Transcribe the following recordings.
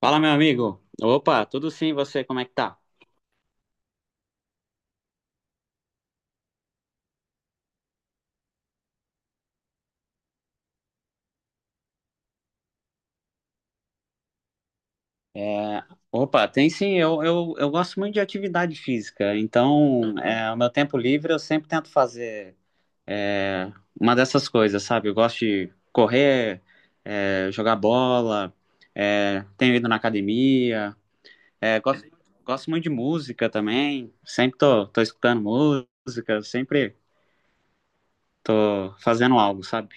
Fala, meu amigo. Opa, tudo sim, você, como é que tá? É, opa, tem sim, eu gosto muito de atividade física, então, o meu tempo livre eu sempre tento fazer é, uma dessas coisas, sabe? Eu gosto de correr, jogar bola, tenho ido na academia, é, gosto, gosto muito de música também, sempre tô escutando música, sempre tô fazendo algo, sabe?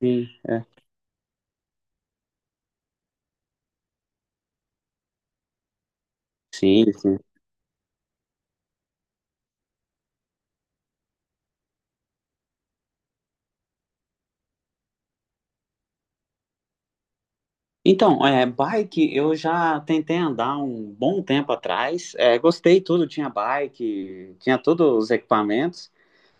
Sim, é. Sim, sim. Então, é, bike eu já tentei andar um bom tempo atrás. É, gostei tudo, tinha bike, tinha todos os equipamentos,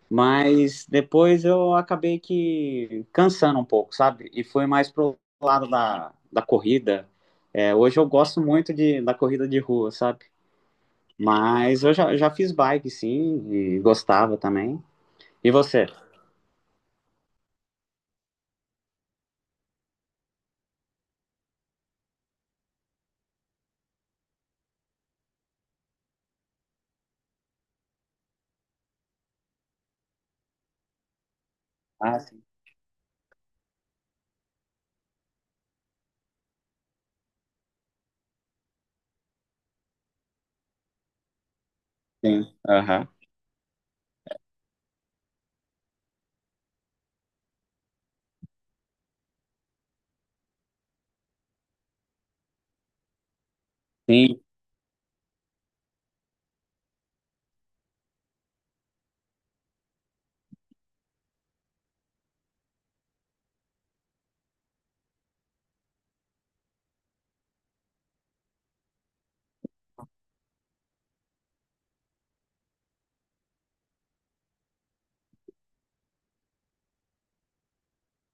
mas depois eu acabei que cansando um pouco, sabe? E fui mais pro lado da corrida. É, hoje eu gosto muito da corrida de rua, sabe? Mas eu já fiz bike, sim, e gostava também. E você? Ah, sim. Sim, aham. Sim,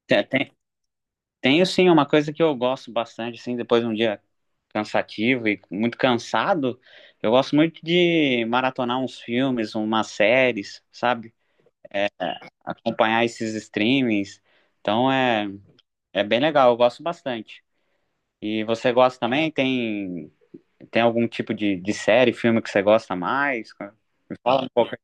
te- te- tenho sim uma coisa que eu gosto bastante, sim, depois um dia cansativo e muito cansado, eu gosto muito de maratonar uns filmes, umas séries, sabe? Acompanhar esses streamings. Então é bem legal, eu gosto bastante. E você gosta também? Tem algum tipo de série, filme que você gosta mais? Me fala um pouco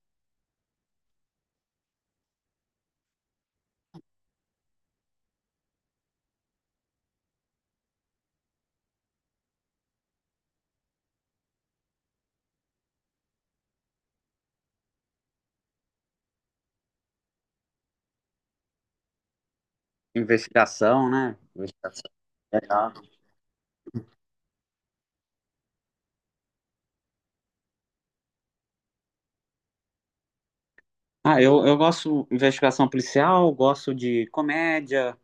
de investigação, né? Investigação. Legal. Ah, eu gosto de investigação policial, gosto de comédia,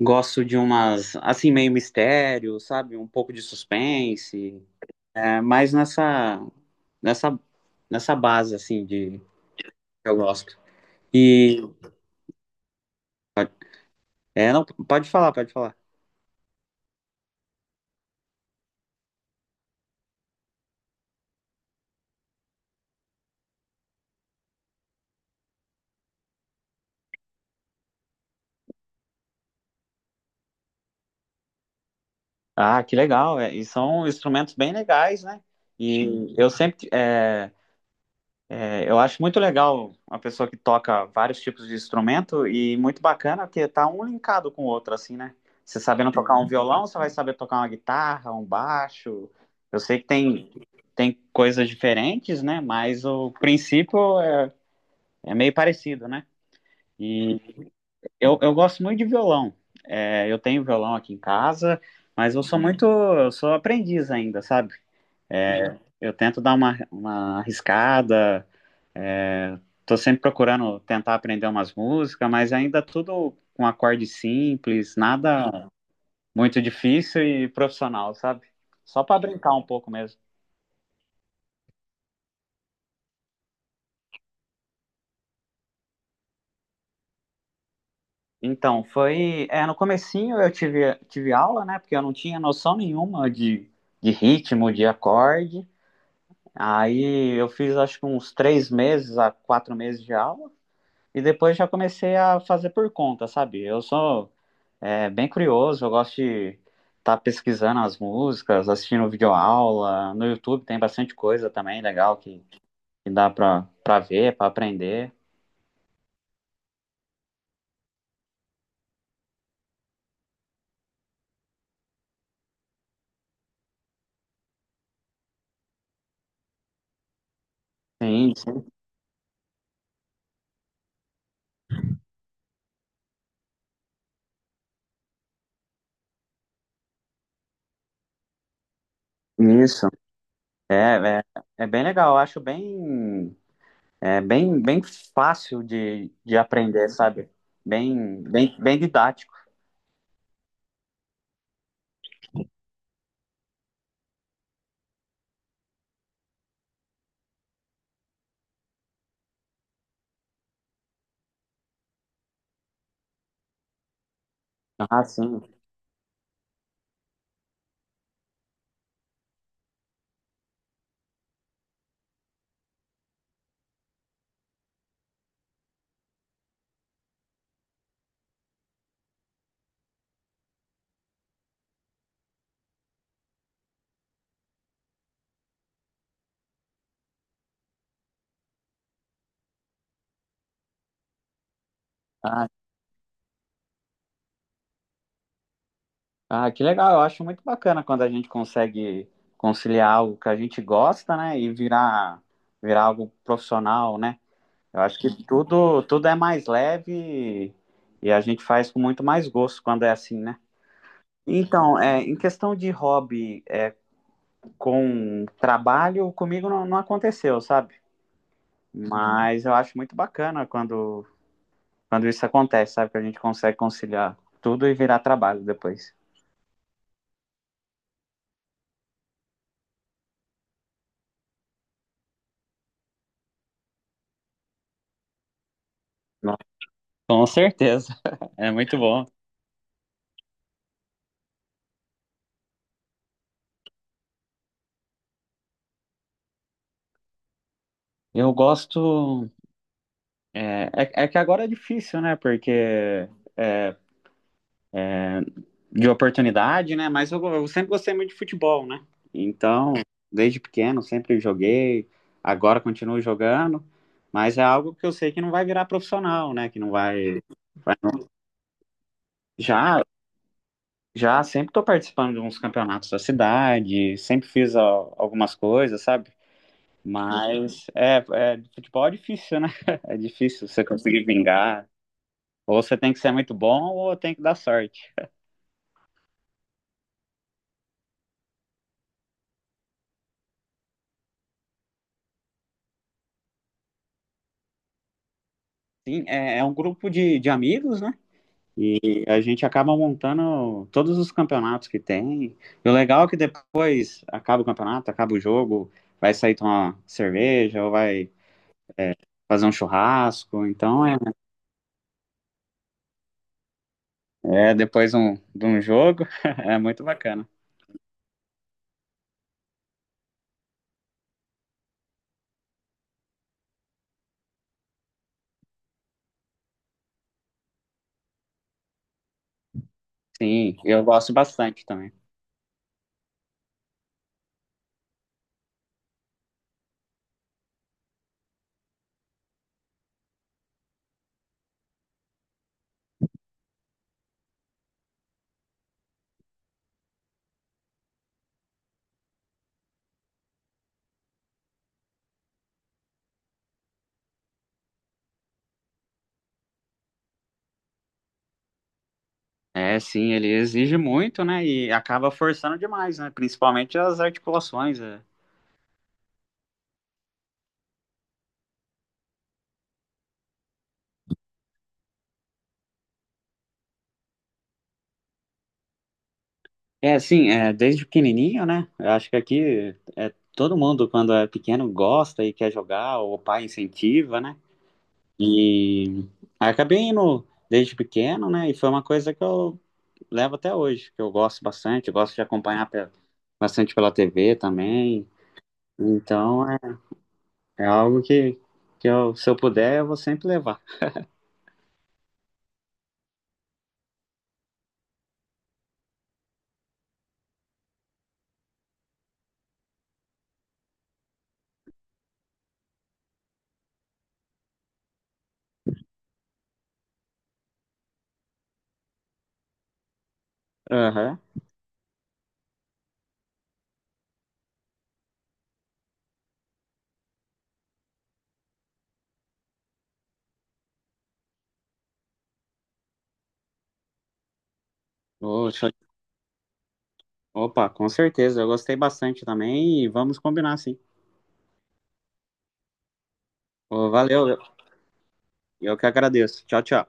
gosto de umas, assim, meio mistério, sabe? Um pouco de suspense. É, mais nessa, nessa base, assim, de que eu gosto. E. pode- É, não, pode falar, pode falar. Ah, que legal. É, e são instrumentos bem legais, né? E sim, eu sempre. Eu acho muito legal uma pessoa que toca vários tipos de instrumento e muito bacana que tá um linkado com o outro, assim, né? Você sabendo tocar um violão, você vai saber tocar uma guitarra, um baixo. Eu sei que tem coisas diferentes, né? Mas o princípio é é meio parecido, né? E eu gosto muito de violão. É, eu tenho violão aqui em casa, mas eu sou muito, eu sou aprendiz ainda, sabe? É, eu tento dar uma arriscada, tô sempre procurando tentar aprender umas músicas, mas ainda tudo com acorde simples, nada muito difícil e profissional, sabe? Só para brincar um pouco mesmo. Então, foi, é, no comecinho eu tive aula, né? Porque eu não tinha noção nenhuma de ritmo, de acorde. Aí eu fiz acho que uns três meses a quatro meses de aula e depois já comecei a fazer por conta, sabe? Eu sou é, bem curioso, eu gosto de estar pesquisando as músicas, assistindo videoaula. No YouTube tem bastante coisa também legal que dá pra, pra ver, pra aprender. Sim, sim. Isso. É, é, é bem legal, eu acho bem, bem fácil de aprender, sabe? Bem didático. Ah, sim. Ah, ah, que legal. Eu acho muito bacana quando a gente consegue conciliar algo que a gente gosta, né, e virar algo profissional, né? Eu acho que tudo tudo é mais leve e a gente faz com muito mais gosto quando é assim, né? Então, é, em questão de hobby é, com trabalho, comigo não, não aconteceu, sabe? Mas eu acho muito bacana quando isso acontece, sabe? Que a gente consegue conciliar tudo e virar trabalho depois. Nossa, com certeza. É muito bom. Eu gosto. É que agora é difícil, né? Porque é, de oportunidade, né? Mas eu sempre gostei muito de futebol, né? Então, desde pequeno, sempre joguei. Agora continuo jogando. Mas é algo que eu sei que não vai virar profissional, né? Que não vai. vai- Já, já sempre estou participando de uns campeonatos da cidade, sempre fiz algumas coisas, sabe? Mas é, futebol é difícil, né? É difícil você conseguir vingar. Ou você tem que ser muito bom ou tem que dar sorte. Sim, é, é um grupo de amigos, né? E a gente acaba montando todos os campeonatos que tem. E o legal é que depois acaba o campeonato, acaba o jogo, vai sair tomar cerveja ou vai fazer um churrasco. Então é, é depois um, de um jogo, é muito bacana. Sim, eu gosto bastante também. É, sim, ele exige muito, né? E acaba forçando demais, né? Principalmente as articulações, é, é assim, é, desde pequenininho, né? Eu acho que aqui é, todo mundo, quando é pequeno, gosta e quer jogar, ou o pai incentiva, né? E aí acabei indo desde pequeno, né? E foi uma coisa que eu levo até hoje, que eu gosto bastante, eu gosto de acompanhar bastante pela TV também. Então é, é algo que eu, se eu puder, eu vou sempre levar. Aham. Ô, show- Opa, com certeza, eu gostei bastante também e vamos combinar, sim. Ô, valeu, eu que agradeço. Tchau, tchau.